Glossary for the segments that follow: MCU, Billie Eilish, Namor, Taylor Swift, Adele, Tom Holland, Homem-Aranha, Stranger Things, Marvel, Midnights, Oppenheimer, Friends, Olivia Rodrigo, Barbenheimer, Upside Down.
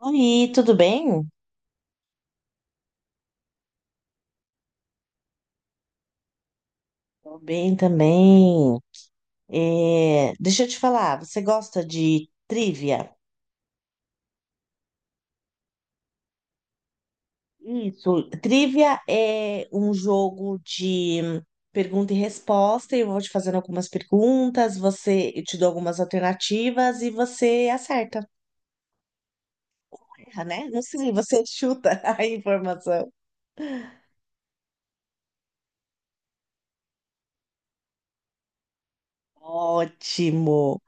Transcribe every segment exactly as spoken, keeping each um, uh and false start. Oi, tudo bem? Tô bem também. É, deixa eu te falar, você gosta de trivia? Isso. Trivia é um jogo de pergunta e resposta. Eu vou te fazendo algumas perguntas, você, eu te dou algumas alternativas e você acerta. Erra, né? Não sei, você chuta a informação. Ótimo.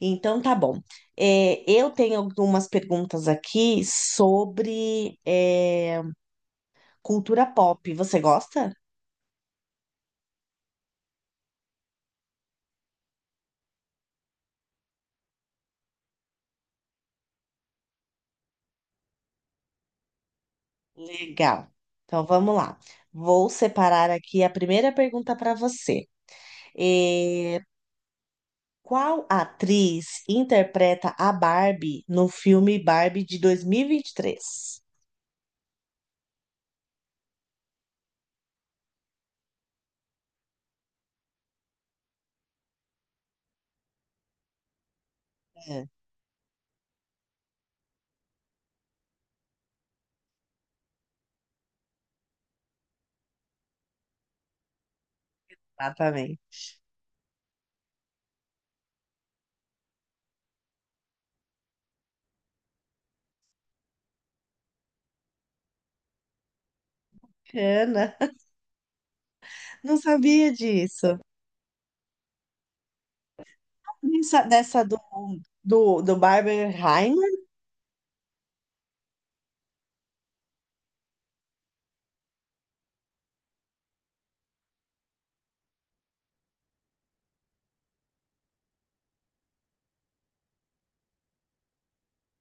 Então tá bom. É, eu tenho algumas perguntas aqui sobre. É, Cultura pop, você gosta? Legal. Então vamos lá. Vou separar aqui a primeira pergunta para você. É, qual atriz interpreta a Barbie no filme Barbie de dois mil e vinte e três? É, exatamente. Ana, não sabia disso. Nessa- Dessa do, do, do Barbenheimer.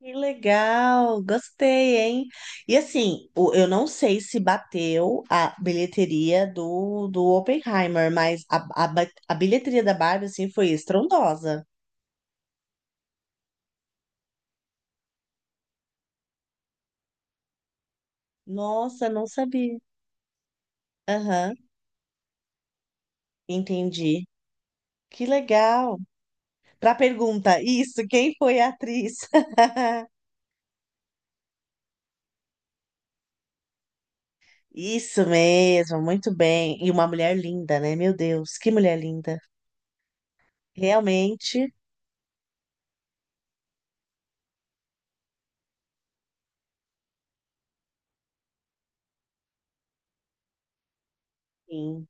Que legal, gostei, hein? E assim, o- eu não sei se bateu a bilheteria do, do Oppenheimer, mas a, a, ba- a bilheteria da Barbie, assim, foi estrondosa. Nossa, não sabia. Aham, entendi. Que legal. Pra pergunta, isso, quem foi a atriz? Isso mesmo, muito bem. E uma mulher linda, né? Meu Deus, que mulher linda. Realmente, sim.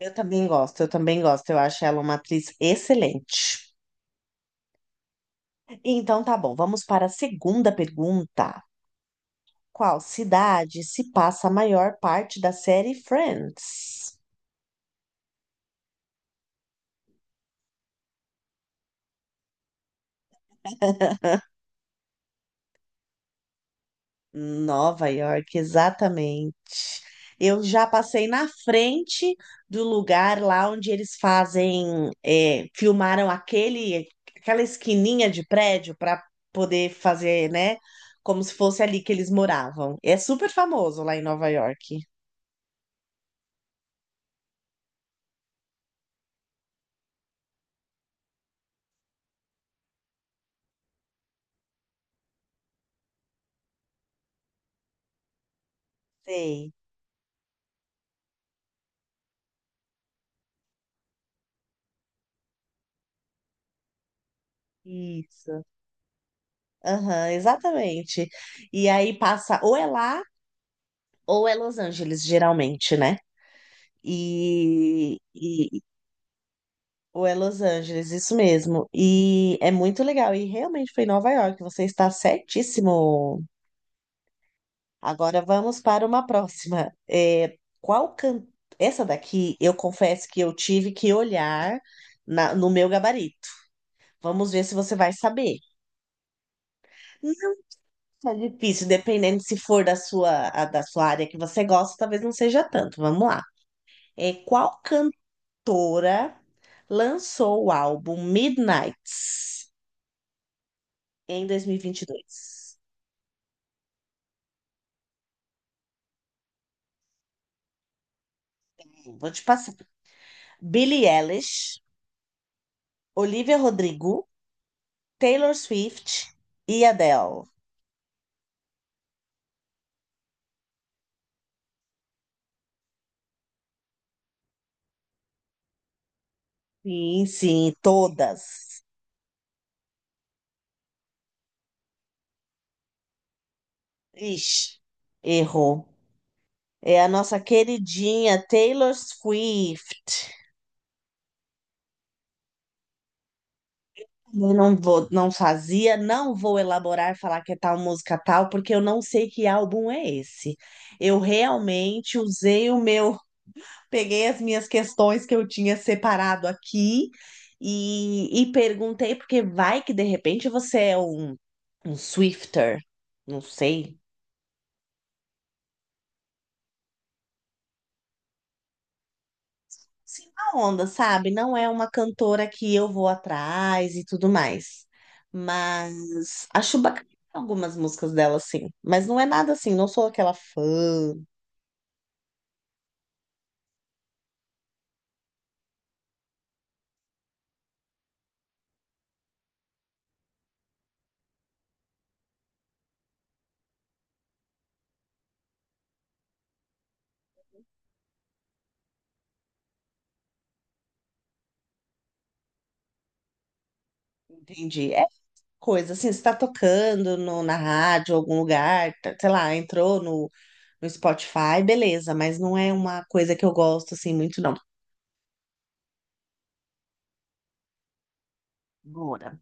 Eu também gosto, eu também gosto. Eu acho ela uma atriz excelente. Então tá bom, vamos para a segunda pergunta. Qual cidade se passa a maior parte da série Friends? Nova York, exatamente. Eu já passei na frente do lugar lá onde eles fazem, é, filmaram aquele, aquela esquininha de prédio para poder fazer, né? Como se fosse ali que eles moravam. É super famoso lá em Nova York. Sei. Isso. Aham, exatamente. E aí passa, ou é lá, ou é Los Angeles, geralmente, né? E, e ou é Los Angeles, isso mesmo. E é muito legal. E realmente foi em Nova York, você está certíssimo. Agora vamos para uma próxima. É, qual can... Essa daqui, eu confesso que eu tive que olhar na- no meu gabarito. Vamos ver se você vai saber. É difícil, dependendo se for da sua, a- da sua área que você gosta, talvez não seja tanto. Vamos lá. É, qual cantora lançou o álbum Midnights em dois mil e vinte e dois? Vou te passar. Billie Eilish, Olivia Rodrigo, Taylor Swift e Adele. Sim, sim, todas. Ixi, errou. É a nossa queridinha Taylor Swift. Eu não vou, não fazia, não vou elaborar e falar que é tal música tal, porque eu não sei que álbum é esse. Eu realmente usei o meu, peguei as minhas questões que eu tinha separado aqui e, e perguntei, porque vai que de repente você é um, um Swifter, não sei. Sim, a onda, sabe? Não é uma cantora que eu vou atrás e tudo mais. Mas acho bacana algumas músicas dela, sim. Mas não é nada assim, não sou aquela fã, entendi. É coisa assim, você tá tocando no, na rádio, algum lugar, tá- sei lá, entrou no, no Spotify, beleza, mas não é uma coisa que eu gosto assim muito, não. Bora.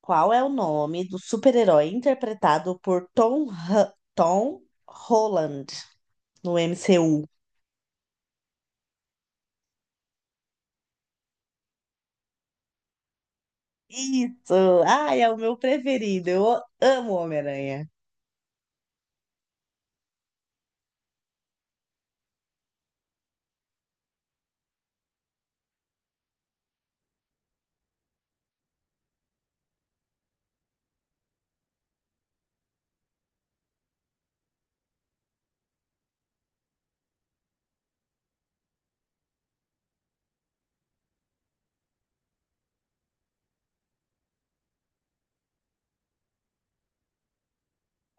Qual é o nome do super-herói interpretado por Tom, Ha- Tom Holland no M C U? Isso! Ai, é o meu preferido. Eu amo Homem-Aranha.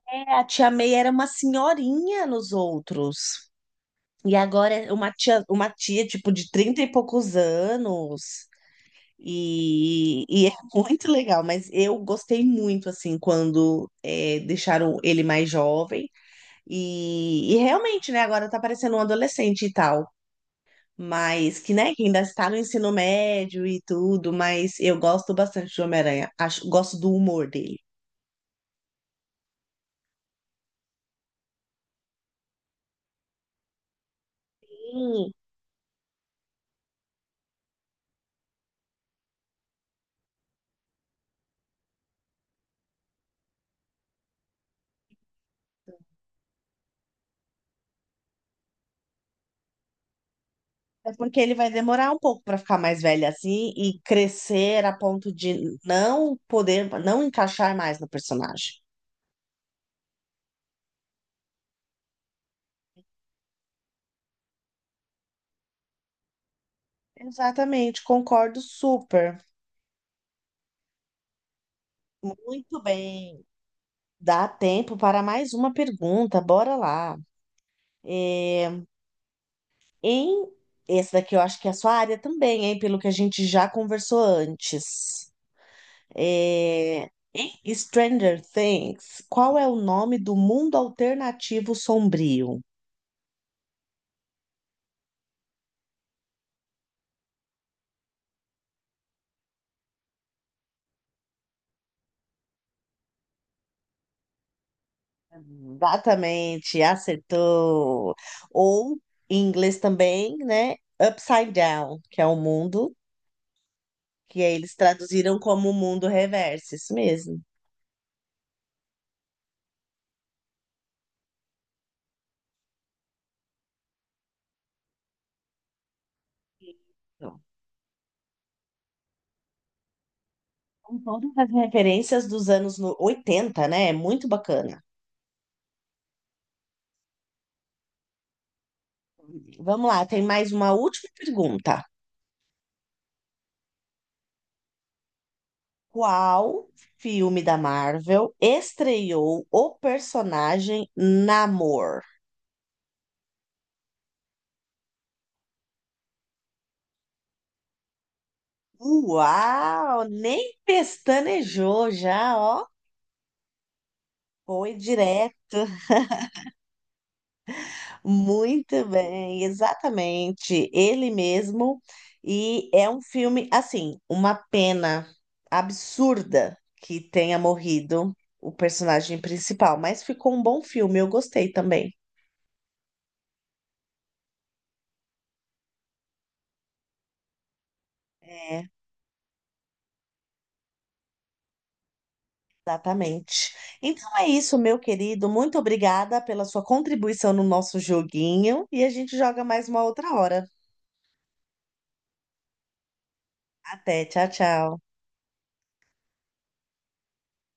É, a tia May era uma senhorinha nos outros. E agora é uma tia, uma tia tipo de trinta e poucos anos. E, e é muito legal, mas eu gostei muito assim quando é, deixaram ele mais jovem. E, e realmente, né, agora tá parecendo um adolescente e tal. Mas que, né, que ainda está no ensino médio e tudo, mas eu gosto bastante do Homem-Aranha. Acho, gosto do humor dele. Sim, é porque ele vai demorar um pouco para ficar mais velho assim e crescer a ponto de não poder, não encaixar mais no personagem. Exatamente, concordo super. Muito bem. Dá tempo para mais uma pergunta, bora lá. É, em esse daqui eu acho que é a sua área também, hein, pelo que a gente já conversou antes. É, em Stranger Things, qual é o nome do mundo alternativo sombrio? Exatamente, acertou. Ou, em inglês também, né? Upside Down, que é o mundo, que aí eles traduziram como o mundo reverso, isso mesmo. Então, são todas as referências dos anos no- oitenta, né? É muito bacana. Vamos lá, tem mais uma última pergunta. Qual filme da Marvel estreou o personagem Namor? Uau, nem pestanejou já, ó. Foi direto, muito bem, exatamente, ele mesmo. E é um filme, assim, uma pena absurda que tenha morrido o personagem principal, mas ficou um bom filme, eu gostei também. É, exatamente. Então é isso, meu querido, muito obrigada pela sua contribuição no nosso joguinho e a gente joga mais uma outra hora. Até, tchau, tchau.